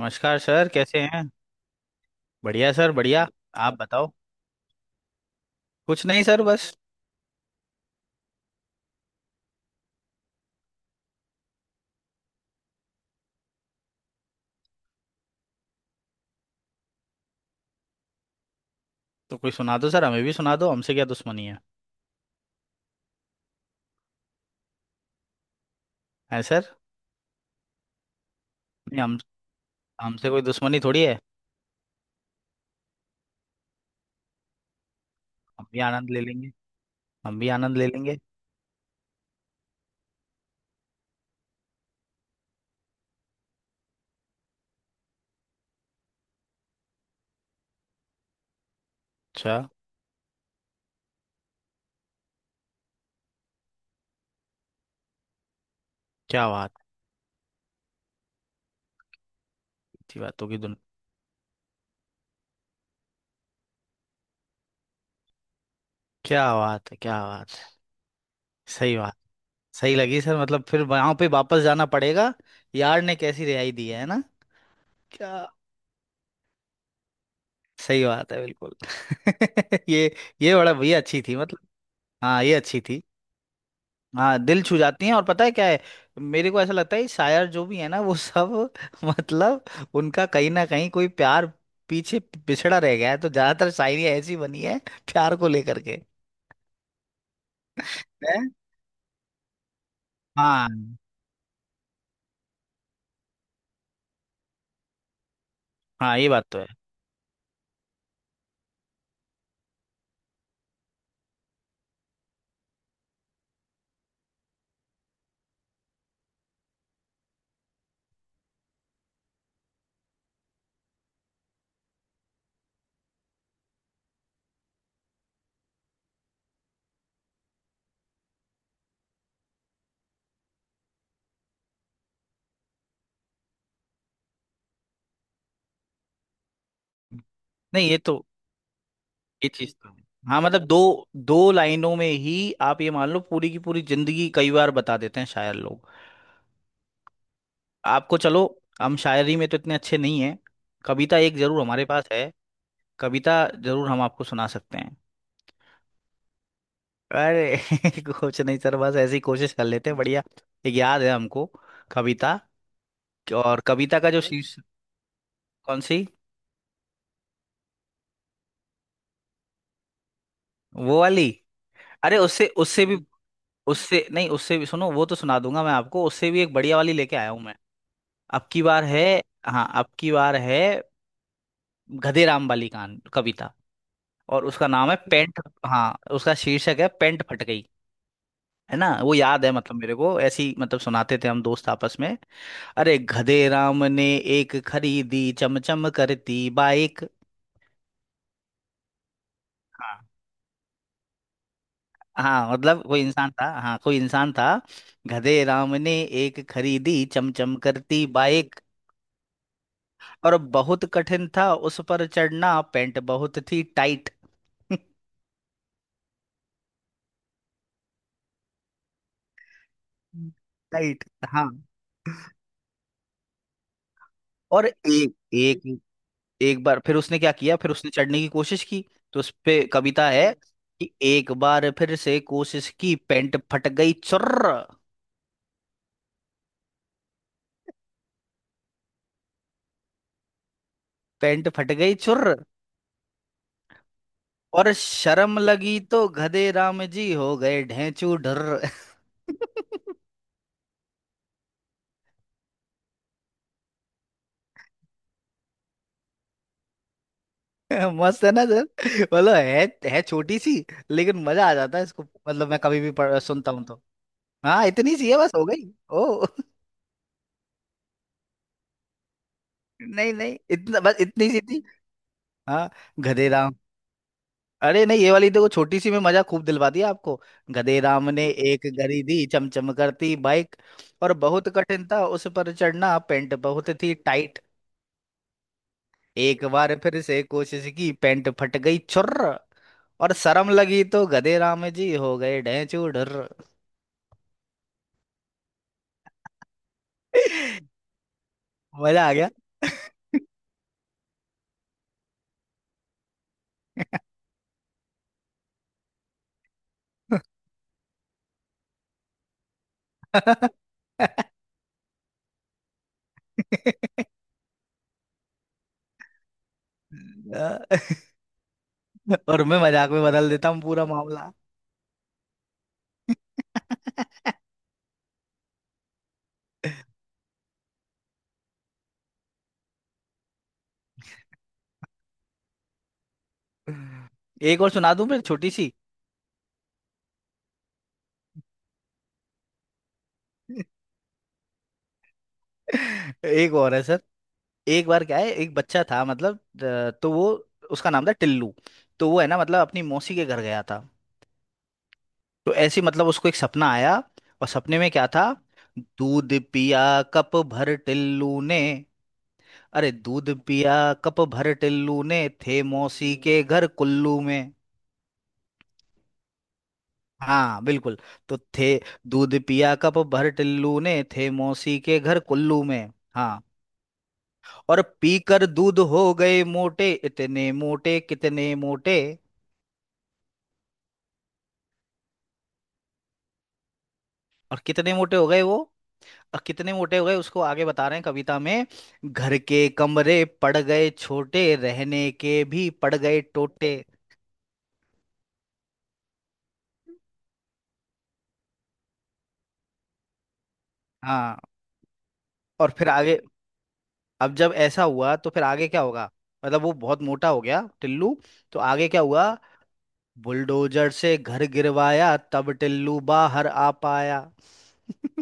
नमस्कार सर, कैसे हैं। बढ़िया सर, बढ़िया। आप बताओ। कुछ नहीं सर बस। तो कोई सुना दो सर, हमें भी सुना दो, हमसे क्या दुश्मनी है। है सर। नहीं हम, हमसे कोई दुश्मनी थोड़ी है। हम भी आनंद ले लेंगे। हम भी आनंद ले लेंगे। अच्छा। क्या बात। अच्छी बातों की दुनिया। क्या बात है, क्या बात है। सही बात। सही लगी सर, मतलब फिर वहां पे वापस जाना पड़ेगा। यार ने कैसी रिहाई दी है ना। क्या। सही बात है बिल्कुल। ये ये बड़ा भैया अच्छी थी मतलब। हाँ ये अच्छी थी। हाँ दिल छू जाती हैं, और पता है क्या है। मेरे को ऐसा लगता है ये शायर जो भी है ना वो सब मतलब उनका कहीं ना कहीं कोई प्यार पीछे पिछड़ा रह गया है, तो ज्यादातर शायरियाँ ऐसी बनी है प्यार को लेकर के। है। हाँ। हाँ ये बात तो है। नहीं ये तो, ये चीज तो है। हाँ मतलब दो, दो लाइनों में ही आप ये मान लो पूरी की पूरी जिंदगी कई बार बता देते हैं शायर लोग। आपको, चलो हम शायरी में तो इतने अच्छे नहीं हैं। कविता एक जरूर हमारे पास है। कविता जरूर हम आपको सुना सकते हैं। अरे कुछ नहीं सर, बस ऐसी कोशिश कर लेते हैं, बढ़िया। एक याद है हमको कविता। और कविता का जो शीर्ष। कौन सी। वो वाली। अरे उससे उससे भी, उससे नहीं, उससे भी सुनो। वो तो सुना दूंगा मैं आपको, उससे भी एक बढ़िया वाली लेके आया हूं मैं। अब की बार है। हाँ अब की बार है। गधे राम वाली कान कविता। और उसका नाम है पेंट। हाँ उसका शीर्षक है पेंट फट गई। है ना, वो याद है मतलब। मेरे को ऐसी मतलब सुनाते थे हम दोस्त आपस में। अरे गधे राम ने एक खरीदी चमचम करती बाइक। हाँ। हाँ मतलब कोई इंसान था, हाँ कोई इंसान था। गधे राम ने एक खरीदी चमचम करती बाइक। और बहुत कठिन था उस पर चढ़ना, पैंट बहुत थी टाइट। राइट। टाइट। हाँ। और एक एक एक बार फिर उसने क्या किया, फिर उसने चढ़ने की कोशिश की। तो उस पे कविता है कि एक बार फिर से कोशिश की, पैंट फट गई चुर्र। पैंट फट गई चुर्र, और शर्म लगी तो गधे राम जी हो गए ढेंचू ढर्र। मस्त है ना सर। मतलब है। है छोटी सी, लेकिन मजा आ जाता है। इसको मतलब मैं कभी भी सुनता हूँ तो। हाँ इतनी सी है बस, हो गई। ओ नहीं नहीं, इतना बस, इतनी सी थी। हाँ। गधे अरे नहीं, ये वाली देखो छोटी सी में मजा खूब दिलवा दिया आपको। गधे राम ने एक गरी दी चमचम करती बाइक। और बहुत कठिन था उस पर चढ़ना, पैंट बहुत थी टाइट। एक बार फिर से कोशिश की, पैंट फट गई छुर्र। और शर्म लगी तो गधे राम जी हो गए ढेंचू ढुर्र। मजा आ गया। और मैं मजाक में बदल देता हूँ पूरा मामला। एक और सुना दूं फिर, छोटी सी। एक और है सर। एक बार क्या है, एक बच्चा था, मतलब तो वो, उसका नाम था टिल्लू। तो वो है ना मतलब, अपनी मौसी के घर गया था। तो ऐसे ही मतलब उसको एक सपना आया। और सपने में क्या था। दूध पिया कप भर टिल्लू ने। अरे दूध पिया कप भर टिल्लू ने, थे मौसी के घर कुल्लू में। हाँ बिल्कुल। तो थे, दूध पिया कप भर टिल्लू ने, थे मौसी के घर कुल्लू में। हाँ। और पीकर दूध हो गए मोटे, इतने मोटे, कितने मोटे। और कितने मोटे हो गए वो। और कितने मोटे हो गए, उसको आगे बता रहे हैं कविता में। घर के कमरे पड़ गए छोटे, रहने के भी पड़ गए टोटे। हाँ। और फिर आगे, अब जब ऐसा हुआ तो फिर आगे क्या होगा। मतलब वो बहुत मोटा हो गया टिल्लू। तो आगे क्या हुआ। बुलडोजर से घर गिरवाया, तब टिल्लू बाहर आ पाया।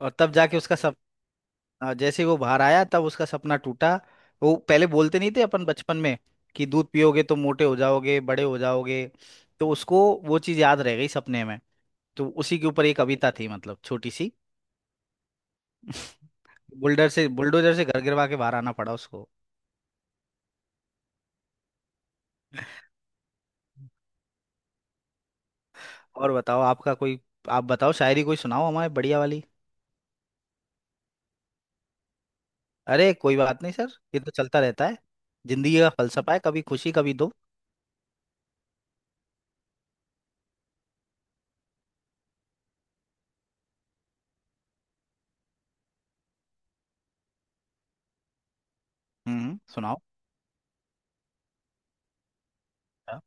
और तब जाके उसका सब, हाँ, जैसे ही वो बाहर आया तब उसका सपना टूटा। वो पहले बोलते नहीं थे अपन बचपन में कि दूध पियोगे तो मोटे हो जाओगे, बड़े हो जाओगे। तो उसको वो चीज याद रह गई सपने में। तो उसी के ऊपर एक कविता थी मतलब, छोटी सी। बुलडर से बुलडोजर से घर गिरवा के बाहर आना पड़ा उसको। और बताओ आपका कोई, आप बताओ शायरी कोई सुनाओ हमारे बढ़िया वाली। अरे कोई बात नहीं सर, ये तो चलता रहता है। जिंदगी का फलसफा है कभी खुशी कभी दुख। हम्म, सुनाओ। क्या।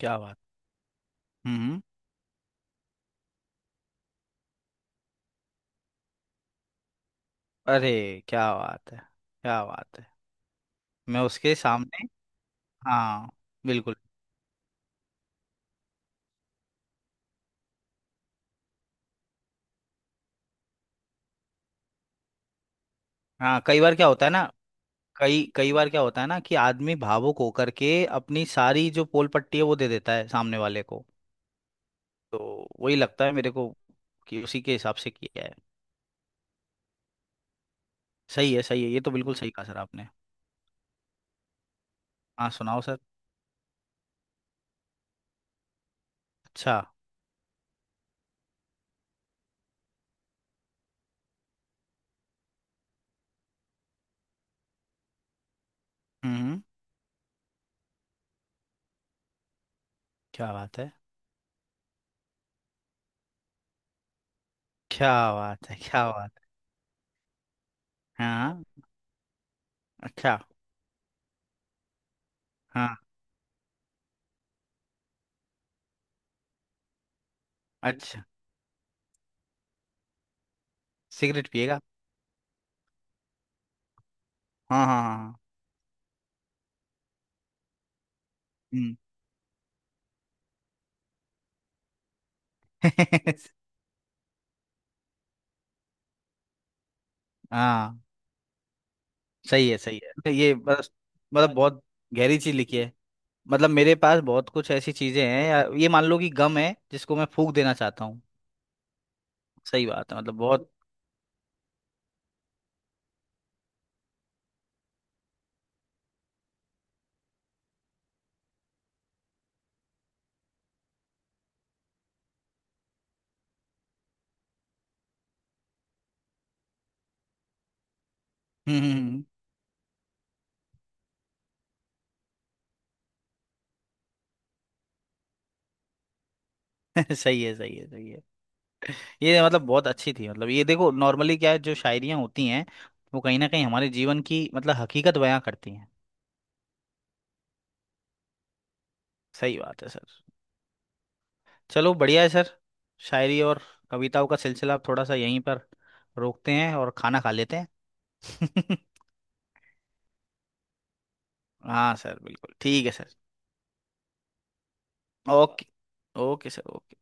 क्या बात। हम्म। अरे क्या बात है, क्या बात है। मैं उसके सामने। हाँ। बिल्कुल। हाँ कई बार क्या होता है ना, कई कई बार क्या होता है ना कि आदमी भावुक होकर के अपनी सारी जो पोल पट्टी है वो दे देता है सामने वाले को। तो वही लगता है मेरे को कि उसी के हिसाब से किया है। सही है सही है, ये तो बिल्कुल सही कहा सर आपने। हाँ सुनाओ सर। अच्छा। हम्म। क्या बात है, क्या बात है, क्या बात है। हाँ। अच्छा। हाँ अच्छा। सिगरेट पिएगा। हाँ हाँ हाँ हाँ। हम्म। हाँ सही है सही है, तो ये बस मतलब बहुत गहरी चीज लिखी है। मतलब मेरे पास बहुत कुछ ऐसी चीजें हैं, या ये मान लो कि गम है जिसको मैं फूंक देना चाहता हूँ। सही बात है मतलब बहुत। हम्म, हम्म। सही है सही है सही है। ये मतलब बहुत अच्छी थी। मतलब ये देखो, नॉर्मली क्या है जो शायरियाँ होती हैं, वो कहीं ना कहीं हमारे जीवन की मतलब हकीकत बयां करती हैं। सही बात है सर। चलो बढ़िया है सर। शायरी और कविताओं का सिलसिला अब थोड़ा सा यहीं पर रोकते हैं, और खाना खा लेते हैं। हाँ सर, बिल्कुल ठीक है sir. Okay. Okay sir, okay.